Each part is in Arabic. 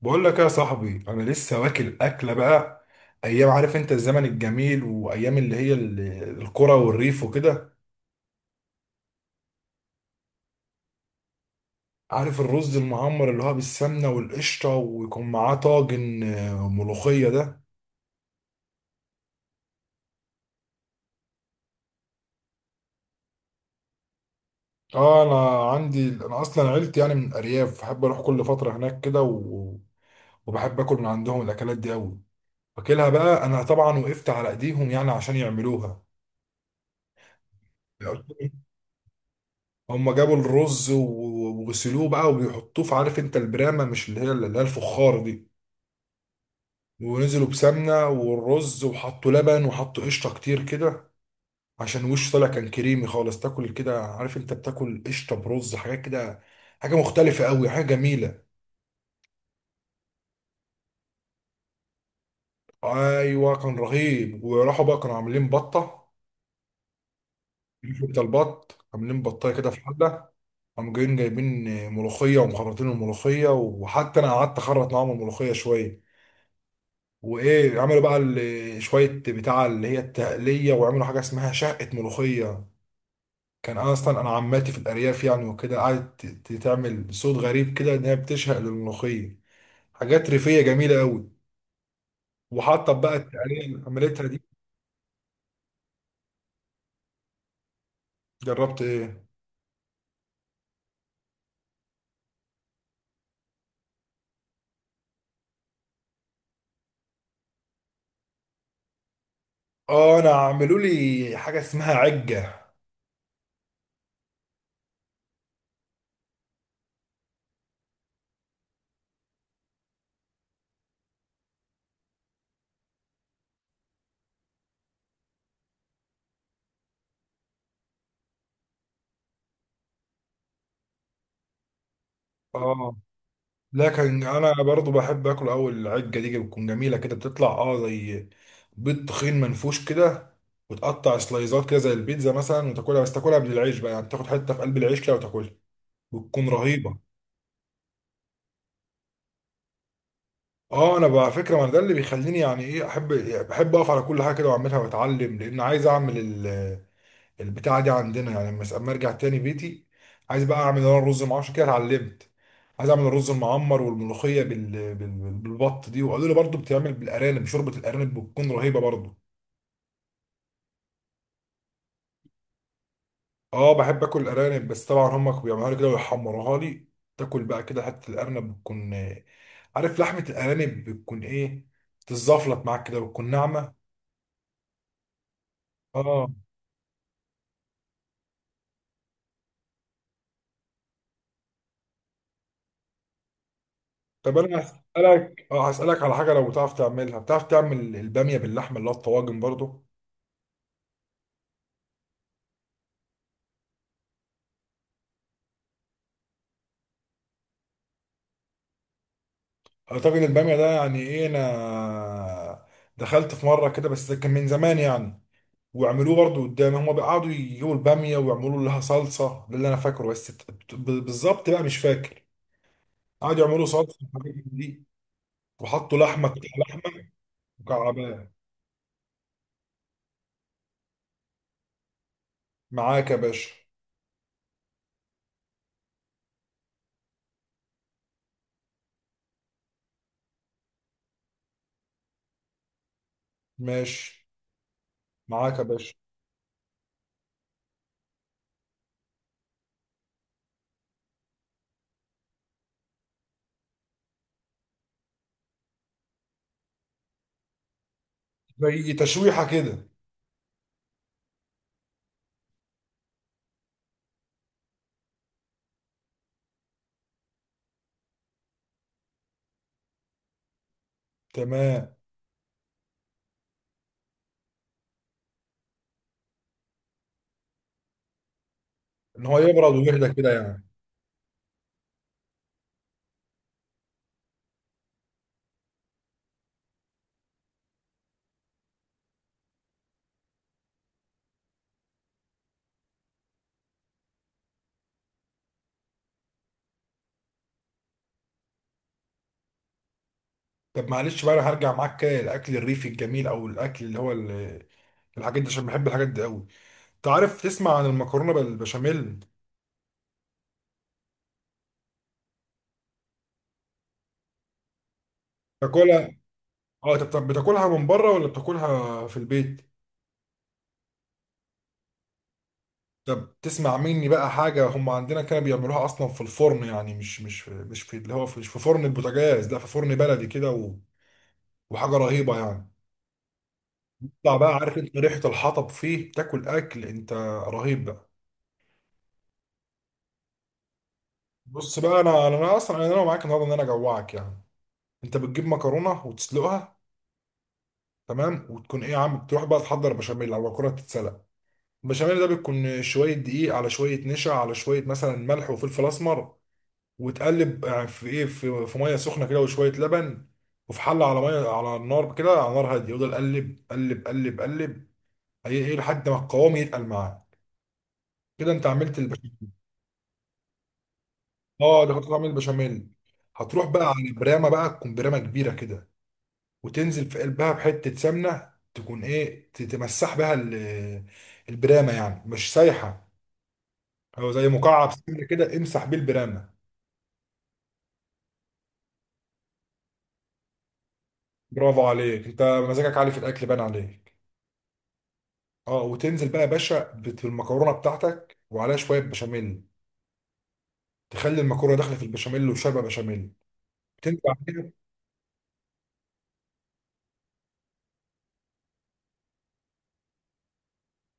بقول لك يا صاحبي، انا لسه واكل اكله بقى ايام. عارف انت الزمن الجميل وايام القرى والريف وكده. عارف الرز المعمر اللي هو بالسمنه والقشطه، ويكون معاه طاجن ملوخيه ده. اه انا عندي، انا اصلا عيلتي يعني من الارياف، بحب اروح كل فتره هناك كده وبحب اكل من عندهم الاكلات دي قوي. واكلها بقى انا طبعا، وقفت على ايديهم يعني عشان يعملوها. هم جابوا الرز وغسلوه بقى وبيحطوه في، عارف انت، البرامه، مش اللي هي الفخار دي. ونزلوا بسمنه والرز، وحطوا لبن وحطوا قشطه كتير كده عشان وشه طالع كان كريمي خالص. تاكل كده، عارف انت، بتاكل قشطه برز، حاجات كده، حاجه مختلفه قوي، حاجه جميله. ايوه كان رهيب. وراحوا بقى كانوا عاملين بطه. عارف انت البط عاملين بطايه كده في حله. قاموا جايين جايبين ملوخيه، ومخرطين الملوخيه، وحتى انا قعدت اخرط معاهم الملوخيه شويه. وايه، عملوا بقى شويه بتاع اللي هي التقليه، وعملوا حاجه اسمها شقه ملوخيه. كان اصلا انا عماتي في الارياف يعني وكده، قعدت تعمل صوت غريب كده ان هي بتشهق للملوخيه. حاجات ريفيه جميله قوي. وحاطه بقى التقليه اللي عملتها دي. جربت ايه؟ اه انا عملوا لي حاجه اسمها عجه. اه لكن انا برضو بحب اكل. اول، العجه دي بتكون جميله كده، بتطلع اه زي بيض تخين منفوش كده. وتقطع سلايزات كده زي البيتزا مثلا، وتاكلها، بس تاكلها من العيش بقى، يعني تاخد حته في قلب العيش كده وتاكلها. بتكون رهيبه. اه انا بقى على فكره، ما أنا ده اللي بيخليني يعني ايه احب. بحب اقف على كل حاجه كده واعملها واتعلم، لان عايز اعمل البتاعة دي عندنا يعني لما، اما ارجع تاني بيتي عايز بقى اعمل انا الرز، مع عشان كده اتعلمت. عايز اعمل الرز المعمر، والملوخية بالبط دي. وقالوا لي برضو بتعمل بالارانب، شوربة الارانب بتكون رهيبة برضو. اه بحب اكل الارانب، بس طبعا هم بيعملوها لي كده ويحمروها لي. تاكل بقى كده حتة الارنب بتكون عارف لحمة الارانب بتكون ايه، تتزفلط معاك كده، بتكون ناعمة. اه طب انا هسألك، اه هسألك على حاجة لو بتعرف تعملها. بتعرف تعمل البامية باللحمة اللي هو الطواجن برضو؟ اعتقد البامية ده، يعني ايه، انا دخلت في مرة كده بس ده كان من زمان يعني. وعملوه برضه قدامي. هما بيقعدوا يجيبوا البامية ويعملوا لها صلصة، ده اللي انا فاكره، بس بالظبط بقى مش فاكر. قعدوا يعملوا صلصة وحاجات من دي، وحطوا لحمة، قطع لحمة مكعبات. معاك يا باشا. ماشي. معاك يا باشا. زي تشويحة كده. تمام. ان هو يبرد ويهدى كده يعني. طب معلش بقى، انا هرجع معاك كده للاكل الريفي الجميل، او الاكل اللي هو الحاجات دي، عشان بحب الحاجات دي قوي. تعرف، تسمع عن المكرونه بالبشاميل؟ تاكلها؟ اه انت بتاكلها من بره ولا بتاكلها في البيت؟ طب تسمع مني بقى حاجه. هم عندنا كانوا بيعملوها اصلا في الفرن يعني، مش في اللي هو مش في فرن البوتاجاز، لا في فرن بلدي كده وحاجه رهيبه يعني. تطلع بقى، عارف انت ريحه الحطب فيه، تاكل اكل انت رهيب بقى. بص بقى انا اصلا انا معاك النهارده ان انا اجوعك يعني. انت بتجيب مكرونه وتسلقها. تمام. وتكون ايه، يا عم، بتروح بقى تحضر بشاميل، او مكرونه تتسلق. البشاميل ده بيكون شوية دقيق، على شوية نشا، على شوية مثلا ملح وفلفل أسمر. وتقلب يعني في، إيه، في مية سخنة كده وشوية لبن. وفي حلة على مية على النار كده، على نار هادية، يفضل قلب إيه إيه لحد ما القوام يتقل معاه. كده أنت عملت البشاميل. أه ده كنت عامل البشاميل. هتروح بقى على برامة، بقى تكون برامة كبيرة كده. وتنزل في قلبها بحتة سمنة، تكون إيه، تمسح بها البرامة، يعني مش سايحة، هو زي مكعب سمنة كده، امسح بيه البرامة. برافو عليك، انت مزاجك عالي في الاكل، باين عليك. اه، وتنزل بقى يا باشا بالمكرونه بتاعتك، وعليها شويه بشاميل. تخلي المكرونه داخله في البشاميل وشاربه بشاميل. تنزل عليها.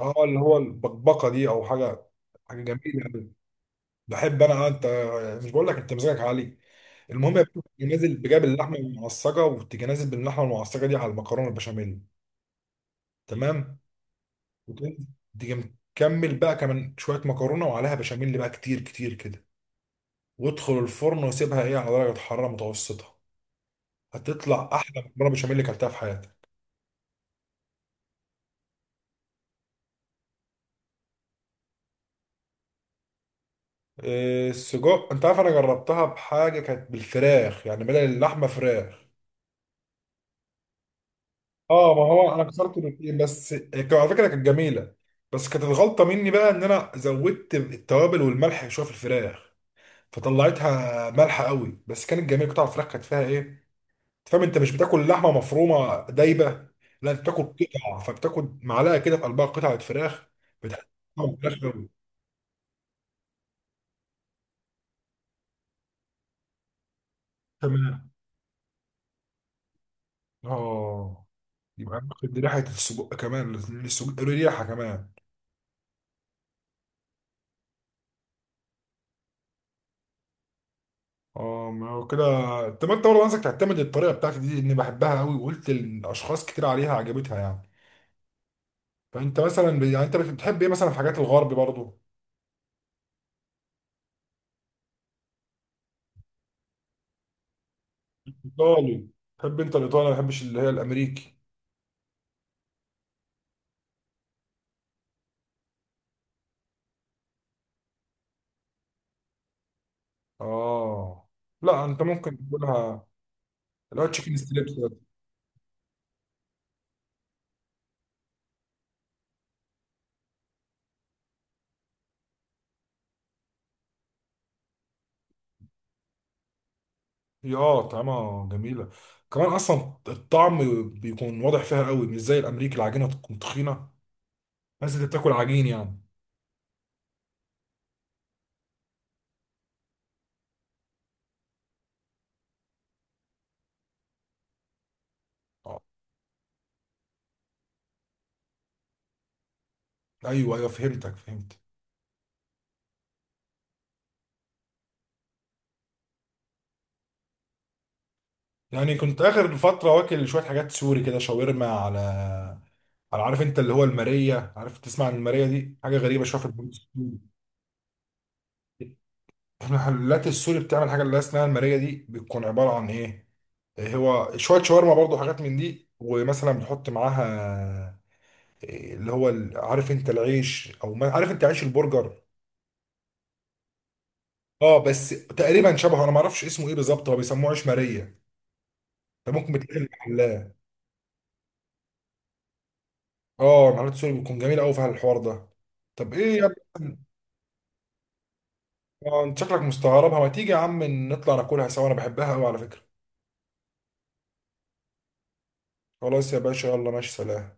اه اللي هو البقبقه دي او حاجه، حاجه جميله قوي. بحب انا انت، مش بقول لك انت مزاجك عالي. المهم يا باشا، تيجي نازل بجاب اللحمه المعصجه، وتيجي نازل باللحمه المعصجه دي على المكرونه البشاميل. تمام. وتنزل. تيجي مكمل بقى كمان شويه مكرونه، وعليها بشاميل بقى كتير كتير كده. وادخل الفرن، وسيبها ايه على درجه حراره متوسطه. هتطلع احلى مكرونه بشاميل اللي اكلتها في حياتك. السجق، انت عارف انا جربتها بحاجه كانت بالفراخ، يعني بدل اللحمه فراخ. اه ما هو انا كسرت الاثنين، بس هي على فكره كانت جميله. بس كانت الغلطه مني بقى ان انا زودت التوابل والملح شويه في الفراخ، فطلعتها مالحه قوي. بس كانت جميله، قطع الفراخ كانت فيها ايه، فاهم، انت مش بتاكل لحمه مفرومه دايبه، لا انت بتاكل قطع، فبتاكل معلقه كده في قلبها قطعه فراخ. بتحس طعم الفراخ قوي. تمام. اه، يبقى دي ريحه السجق كمان، السجق له ريحه كمان. اه، ما هو كده. طب انت برضه، عايزك تعتمد الطريقه بتاعتي دي، اني بحبها قوي وقلت الاشخاص كتير عليها عجبتها يعني. فانت مثلا يعني انت بتحب ايه مثلا في حاجات الغرب برضه؟ ايطالي؟ تحب انت الايطالي، ما بحبش اللي هي الامريكي. اه لا انت ممكن تقولها، اللي هو تشيكن ستريبس ده. هي اه طعمها جميله. كمان اصلا الطعم بيكون واضح فيها قوي، مش زي الامريكي العجينه تكون تخينه، بس انت بتاكل عجين يعني. آه. ايوه ايوه فهمتك، فهمت. يعني كنت اخر فتره واكل شويه حاجات سوري كده، شاورما، على على، عارف انت اللي هو الماريه. عارف، تسمع عن الماريه دي؟ حاجه غريبه شويه في البيوت السوري. المحلات السوري بتعمل حاجه اللي اسمها الماريه دي، بتكون عباره عن ايه، هو شويه شاورما برضو حاجات من دي، ومثلا بتحط معاها اللي هو عارف انت العيش، او ما، عارف انت عيش البرجر. اه بس تقريبا شبهه، انا ما اعرفش اسمه ايه بالظبط، هو بيسموه عيش ماريه ده. ممكن بتلاقي في المحلات. اه المحلات السوري بتكون جميله قوي في الحوار ده. طب ايه يا ابني، انت شكلك مستغربها. ما تيجي يا عم نطلع ناكلها سوا، انا بحبها قوي على فكره. خلاص يا باشا، يلا ماشي، سلام.